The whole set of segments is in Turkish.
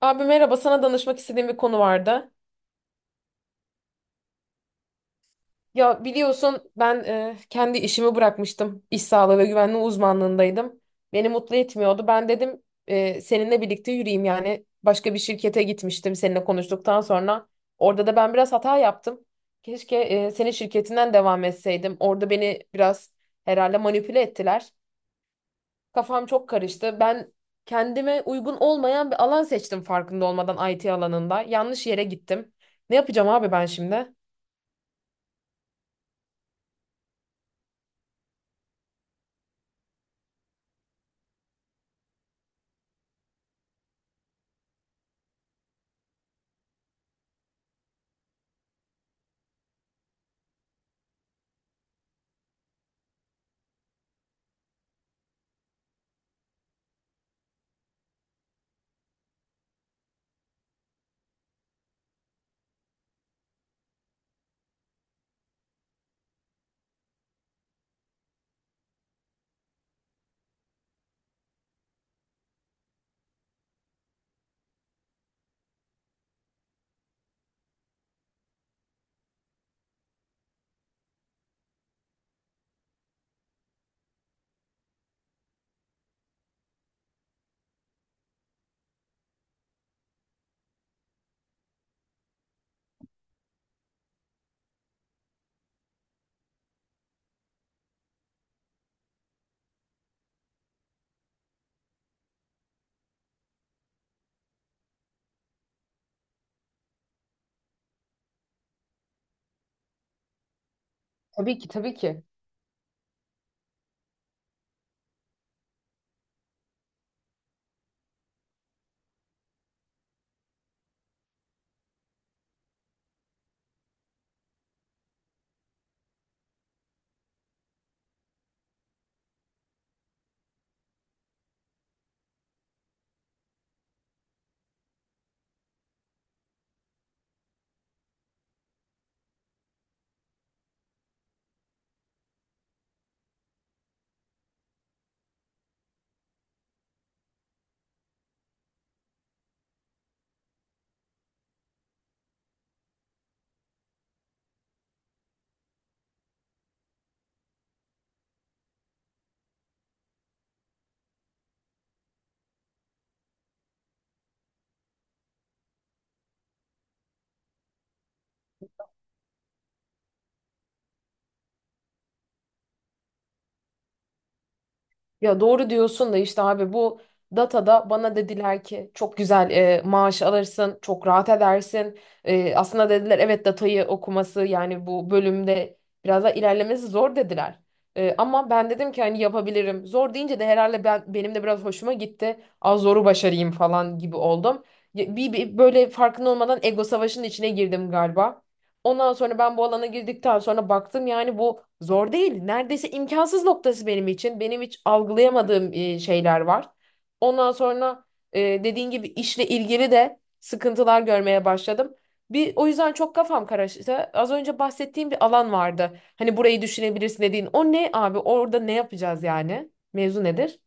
Abi merhaba, sana danışmak istediğim bir konu vardı. Ya biliyorsun ben kendi işimi bırakmıştım. İş sağlığı ve güvenliği uzmanlığındaydım. Beni mutlu etmiyordu. Ben dedim seninle birlikte yürüyeyim yani. Başka bir şirkete gitmiştim seninle konuştuktan sonra. Orada da ben biraz hata yaptım. Keşke senin şirketinden devam etseydim. Orada beni biraz herhalde manipüle ettiler. Kafam çok karıştı. Ben kendime uygun olmayan bir alan seçtim farkında olmadan IT alanında. Yanlış yere gittim. Ne yapacağım abi ben şimdi? Tabii ki, tabii ki. Ya doğru diyorsun da işte abi bu datada bana dediler ki çok güzel maaş alırsın, çok rahat edersin. E, aslında dediler evet datayı okuması yani bu bölümde biraz daha ilerlemesi zor dediler. E, ama ben dedim ki hani yapabilirim. Zor deyince de herhalde benim de biraz hoşuma gitti. Az zoru başarayım falan gibi oldum. Ya, bir böyle farkında olmadan ego savaşının içine girdim galiba. Ondan sonra ben bu alana girdikten sonra baktım yani bu zor değil. Neredeyse imkansız noktası benim için. Benim hiç algılayamadığım şeyler var. Ondan sonra dediğin gibi işle ilgili de sıkıntılar görmeye başladım. Bir o yüzden çok kafam karıştı. Az önce bahsettiğim bir alan vardı. Hani burayı düşünebilirsin dediğin. O ne abi? Orada ne yapacağız yani? Mevzu nedir?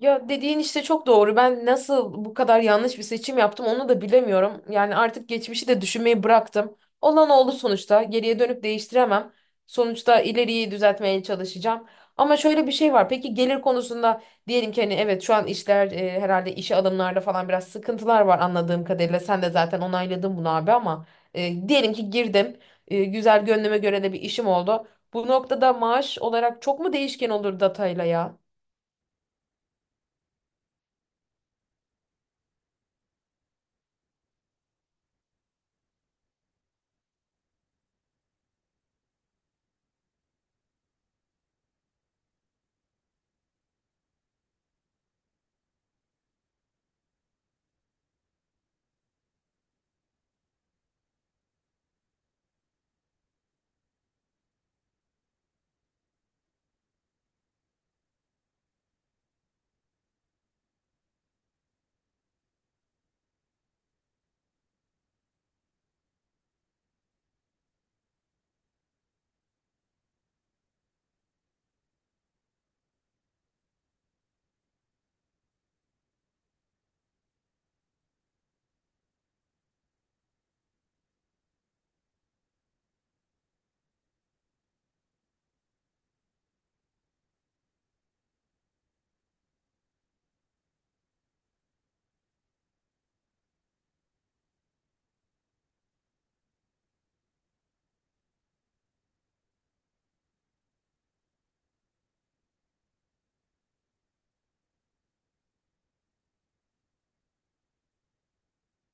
Ya dediğin işte çok doğru. Ben nasıl bu kadar yanlış bir seçim yaptım onu da bilemiyorum. Yani artık geçmişi de düşünmeyi bıraktım. Olan oldu sonuçta. Geriye dönüp değiştiremem. Sonuçta ileriyi düzeltmeye çalışacağım. Ama şöyle bir şey var. Peki gelir konusunda diyelim ki hani evet şu an işler herhalde işe alımlarda falan biraz sıkıntılar var anladığım kadarıyla. Sen de zaten onayladın bunu abi ama diyelim ki girdim. E, güzel gönlüme göre de bir işim oldu. Bu noktada maaş olarak çok mu değişken olur datayla ya?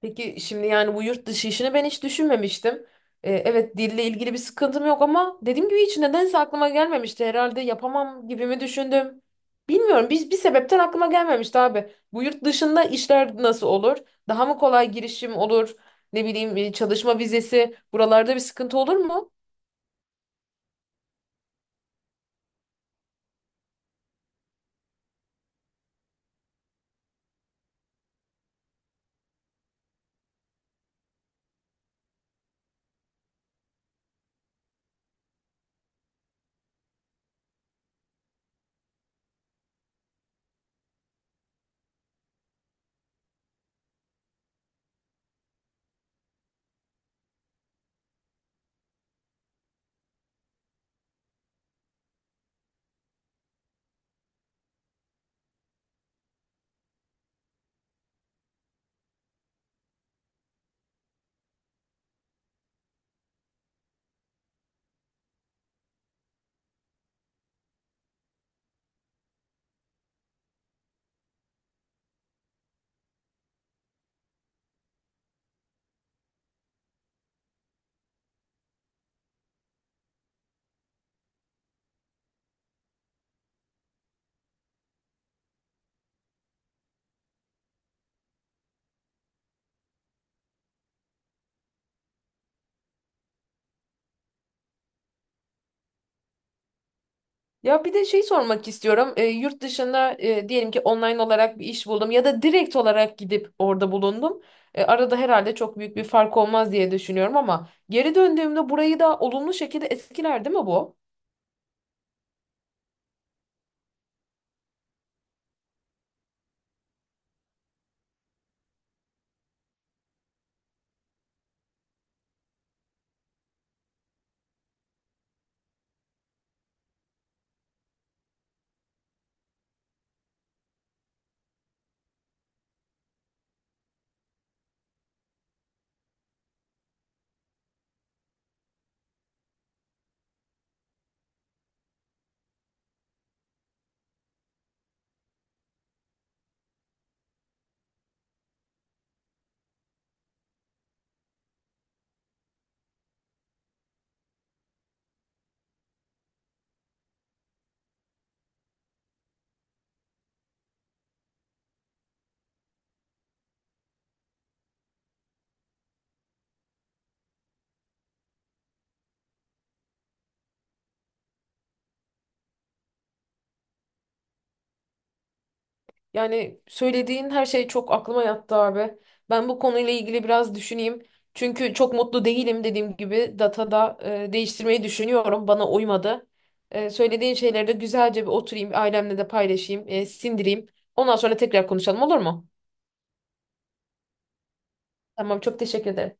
Peki şimdi yani bu yurt dışı işini ben hiç düşünmemiştim. Evet dille ilgili bir sıkıntım yok ama dediğim gibi hiç nedense aklıma gelmemişti. Herhalde yapamam gibi mi düşündüm? Bilmiyorum. Biz bir sebepten aklıma gelmemişti abi. Bu yurt dışında işler nasıl olur? Daha mı kolay girişim olur? Ne bileyim çalışma vizesi buralarda bir sıkıntı olur mu? Ya bir de şey sormak istiyorum. Yurt dışında diyelim ki online olarak bir iş buldum ya da direkt olarak gidip orada bulundum. Arada herhalde çok büyük bir fark olmaz diye düşünüyorum ama geri döndüğümde burayı da olumlu şekilde etkiler değil mi bu? Yani söylediğin her şey çok aklıma yattı abi. Ben bu konuyla ilgili biraz düşüneyim. Çünkü çok mutlu değilim dediğim gibi datada değiştirmeyi düşünüyorum. Bana uymadı. E, söylediğin şeyleri de güzelce bir oturayım, ailemle de paylaşayım, sindireyim. Ondan sonra tekrar konuşalım olur mu? Tamam çok teşekkür ederim.